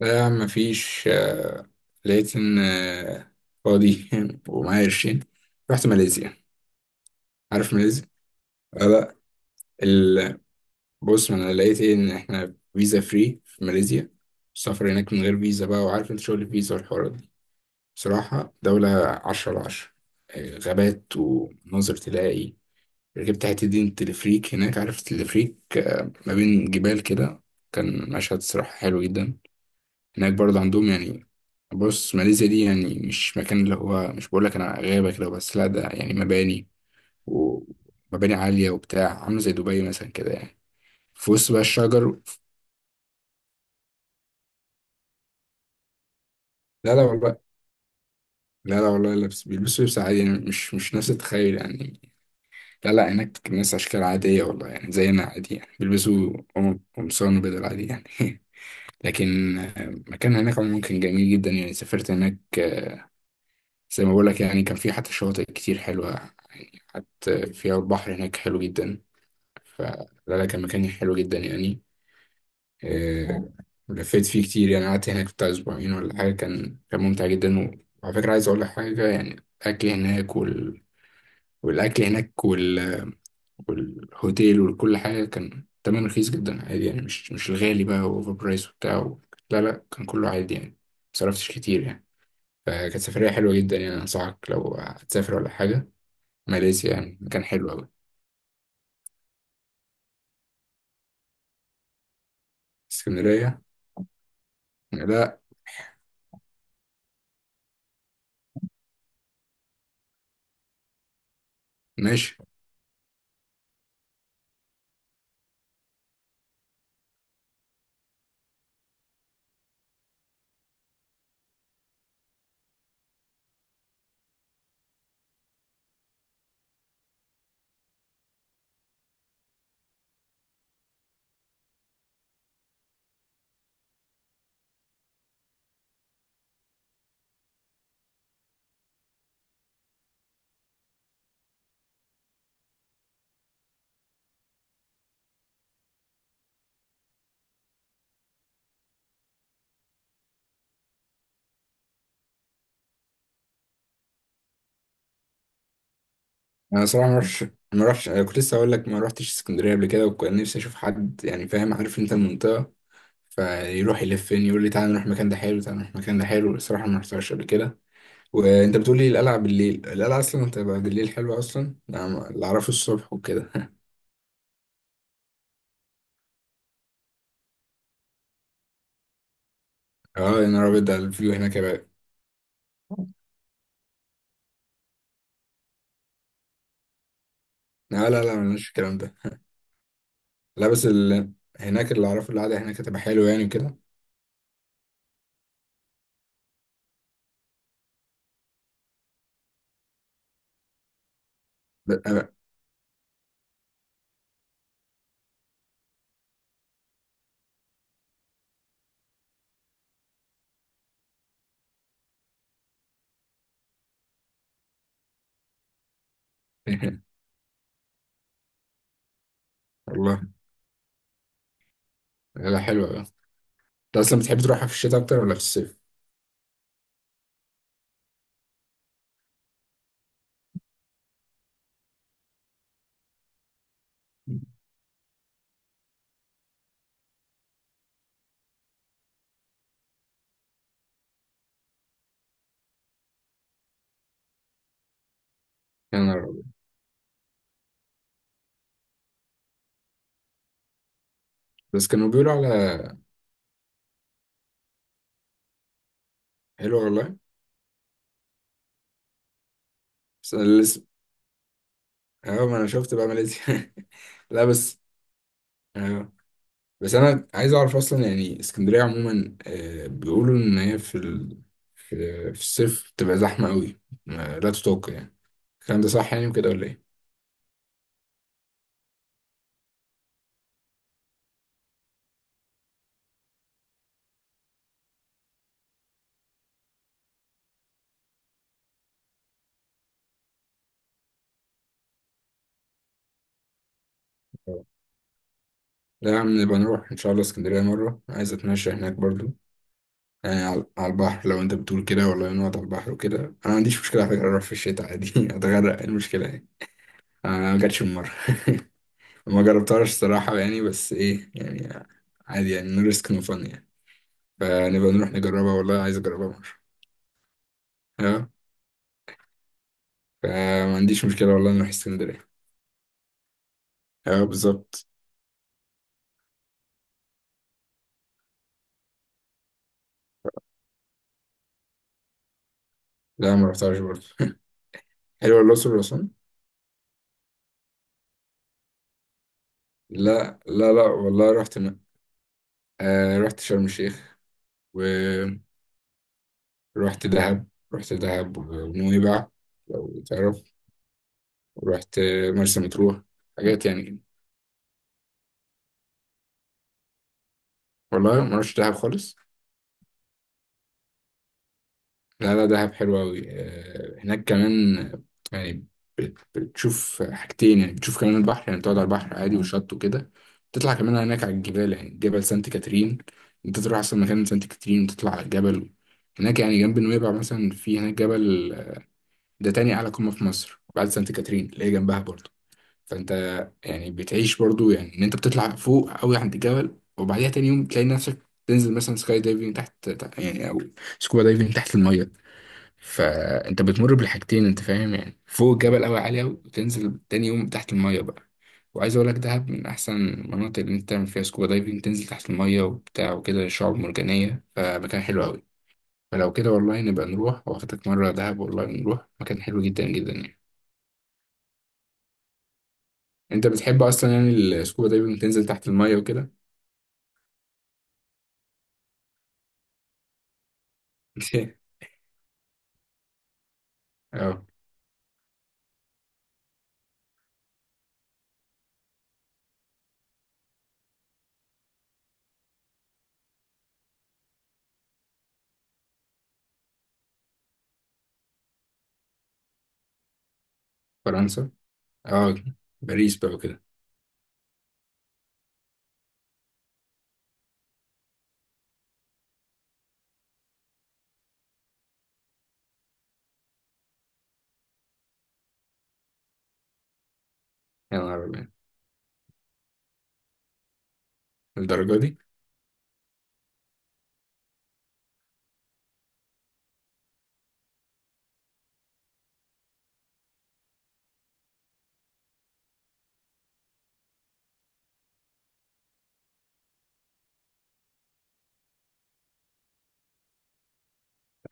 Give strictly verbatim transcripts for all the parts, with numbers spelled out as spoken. لا يا عم مفيش آه، لقيت إن آه، فاضي ومعايا قرشين. رحت ماليزيا. عارف ماليزيا؟ آه، لا. ال... بص، ما أنا لقيت إيه إن إحنا فيزا فري في ماليزيا، السفر هناك من غير فيزا بقى، وعارف أنت شغل الفيزا والحوارات دي. بصراحة دولة عشرة على عشرة. آه، غابات ومناظر تلاقي. ركبت حتة دي تلفريك هناك، عارف التلفريك؟ آه، ما بين جبال كده، كان مشهد صراحة حلو جدا. هناك برضه عندهم يعني، بص ماليزيا دي يعني مش مكان اللي هو، مش بقول لك انا غابة كده بس، لا، ده يعني مباني، ومباني عالية وبتاع، عاملة زي دبي مثلا كده يعني. في وسط بقى الشجر. لا لا والله. لا لا والله، لبس بيلبسوا لبس عادي يعني، مش مش نفس التخيل يعني. لا لا، هناك الناس أشكال عادية والله، يعني زينا عادي يعني، بيلبسوا قم- قمصان وبدل عادي يعني. لكن آه، مكان هناك عموما كان جميل جدا يعني، سافرت هناك زي ما بقول لك يعني. كان في حتى شواطئ كتير حلوة يعني، حتى فيها البحر هناك حلو جدا. فلا لا، كان مكان حلو جدا يعني. آه، لفيت فيه كتير يعني، قعدت هناك بتاع أسبوعين ولا حاجة، كان كان ممتع جدا. وعلى فكرة عايز أقول لك حاجة يعني، الأكل هناك وال... والأكل هناك وال... والهوتيل وكل حاجة كان تمن رخيص جدا عادي يعني، مش مش الغالي بقى وأوفر برايس وبتاع. لا لا، كان كله عادي يعني، مصرفتش كتير يعني، فكانت سفرية حلوة جدا يعني. أنصحك لو هتسافر ولا حاجة، ماليزيا يعني مكان حلو أوي. اسكندرية؟ لا. ماشي. أنا صراحة ما رحتش. ما رحتش، أنا كنت لسه هقول لك ما رحتش اسكندرية قبل كده، وكان نفسي أشوف حد يعني فاهم، عارف أنت المنطقة، فيروح يلفني يقول لي تعالى نروح المكان ده حلو، تعالى نروح المكان ده حلو. الصراحة ما رحتهاش قبل كده. وأنت بتقول لي القلعة بالليل؟ القلعة أصلا بتبقى بالليل حلوة، أصلا أنا اللي أعرفه الصبح وكده. أه يا نهار أبيض، ده الفيو هناك يا بقى. لا لا لا، ملناش في الكلام ده. لا بس ال... هناك اللي أعرفه القعدة هناك هتبقى حلوة يعني وكده. ب- والله. لا، حلوة. انت اصلا بتحب تروحها في الشتاء اكتر ولا في الصيف؟ يا نهار أبيض. بس كانوا بيقولوا على... حلوه والله. بس انا لسه، اه، ما انا شفت بقى ماليزيا. لا بس. اه بس انا عايز اعرف اصلا يعني، اسكندريه عموما آه، بيقولوا ان هي في ال... في في الصيف بتبقى زحمه قوي، ما- لا تطاق يعني. الكلام ده صح يعني وكده ولا ايه؟ اه. لا يا عم، نبقى نروح ان شاء الله اسكندريه مره، عايز اتمشى هناك برضو، يعني على على البحر. لو انت بتقول كده والله، نقعد على البحر وكده. انا ما عنديش مشكله على فكره، اروح في الشتاء عادي. اتغرق، إيه المشكله يعني؟ انا ما جاتش المره. ما جربتهاش الصراحه يعني، بس ايه يعني؟ عادي يعني. نو ريسك نو فن يعني، فنبقى نروح نجربها والله. عايز اجربها مره. اه. فما عنديش مشكله والله، نروح اسكندريه. اه بالظبط. لا ما رحتهاش برضه. حلوه الاقصر واسوان. لا لا لا والله، رحت م... آه، رحت شرم الشيخ، ورحت دهب، رحت دهب ونويبع لو تعرف، ورحت مرسى مطروح. حاجات يعني كده. والله ما رحتش دهب خالص. لا لا، دهب حلو أوي. آه، هناك كمان آه، يعني بت- بتشوف حاجتين يعني، بتشوف كمان البحر يعني، بتقعد على البحر عادي والشط وكده. تطلع كمان هناك على الجبال، يعني جبل سانت كاترين. انت تروح اصلا مكان سانت كاترين وتطلع على الجبل. هناك يعني جنب نويبع مثلا، في هناك جبل آه، ده تاني أعلى قمة في مصر بعد سانت كاترين اللي هي جنبها برضه. فانت يعني بتعيش برضه يعني، ان انت بتطلع فوق قوي عند الجبل، وبعديها تاني يوم تلاقي نفسك تنزل مثلا سكاي دايفنج، تحت تحت- يعني، او سكوبا دايفنج تحت المية. فانت بتمر بالحاجتين انت فاهم يعني، فوق الجبل قوي عالي قوي، وتنزل تاني يوم تحت الميه بقى. وعايز اقول لك دهب من احسن المناطق اللي انت تعمل فيها سكوبا دايفنج، تنزل تحت الميه وبتاع وكده، شعاب مرجانيه، فمكان حلو قوي. فلو كده والله، نبقى نروح واخدك مره دهب والله، نروح مكان حلو جدا جدا يعني. انت بتحب اصلا يعني السكوبا دايفنج، تنزل تحت الميه وكده؟ اه. فرنسا؟ اه. باريس بقى وكده. يا نهار أبيض، الدرجه دي.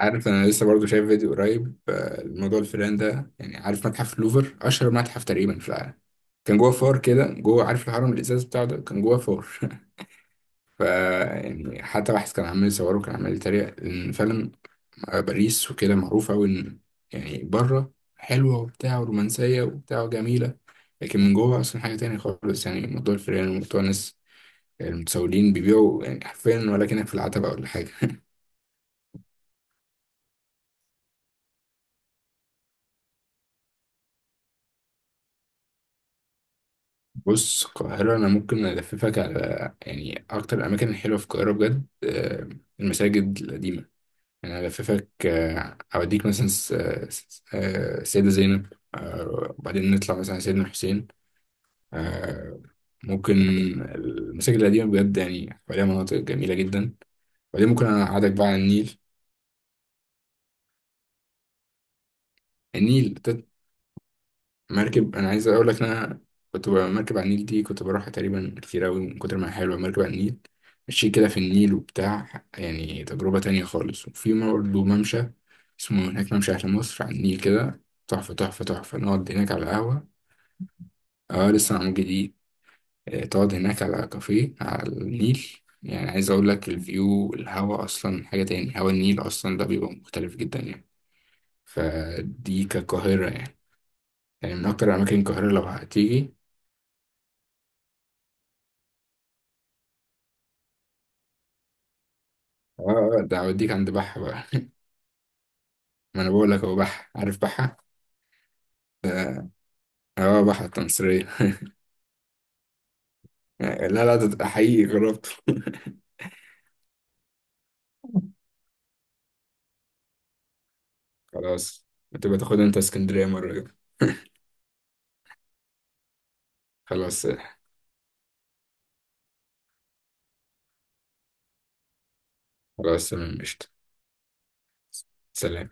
عارف انا لسه برضو شايف فيديو قريب، آه، الموضوع الفيران ده يعني. عارف متحف لوفر؟ اشهر متحف تقريبا في العالم. كان جوه فار كده جوه، عارف الهرم الازاز بتاعه ده، كان جوه فار. ف يعني حتى واحد كان عمال يصوره، كان عمال يتريق ان فعلا آه، باريس وكده معروفه قوي ان يعني بره حلوه وبتاع، ورومانسيه وبتاع، جميله، لكن من جوه اصلا حاجه تانية خالص، يعني موضوع الفيران وموضوع الناس المتسولين بيبيعوا يعني حرفيا ولكنك في العتبه ولا حاجه. بص القاهرة، أنا ممكن ألففك على يعني أكتر الأماكن الحلوة في القاهرة بجد، آه، المساجد القديمة. يعني ألففك، آه، أوديك مثلا س- س- آه، السيدة زينب، آه، وبعدين نطلع مثلا على سيدنا الحسين. آه، ممكن، المساجد القديمة بجد يعني عليها مناطق جميلة جدا. وبعدين ممكن أنا أقعدك بقى على النيل. النيل، مركب، انا عايز اقول لك ان انا كنت بقى- مركب على النيل دي كنت بروحها تقريبا كتير قوي، من كتر ما هي حلوه مركب على النيل. مشي كده في النيل وبتاع، يعني تجربه تانية خالص. وفي برضه ممشى، اسمه هناك ممشى اهل مصر على النيل كده. تحفه تحفه تحفه، نقعد هناك على قهوه. اه، لسه معمول جديد. آه، تقعد هناك على كافيه على النيل. يعني عايز اقول لك، الفيو، الهوا اصلا حاجه تاني، هوا النيل اصلا ده بيبقى مختلف جدا يعني. فدي كقاهره يعني. يعني من اكتر اماكن القاهره لو هتيجي. اه. آه، ده هوديك عند بحة بقى. ما انا بقول لك هو بحة، عارف بحة. اه، بحة التمصرية. لا لا، ده ده حقيقي جربته. خلاص، بتبقى تاخد انت اسكندرية مرة كده. خلاص. خلاص تمام قشطة. سلام.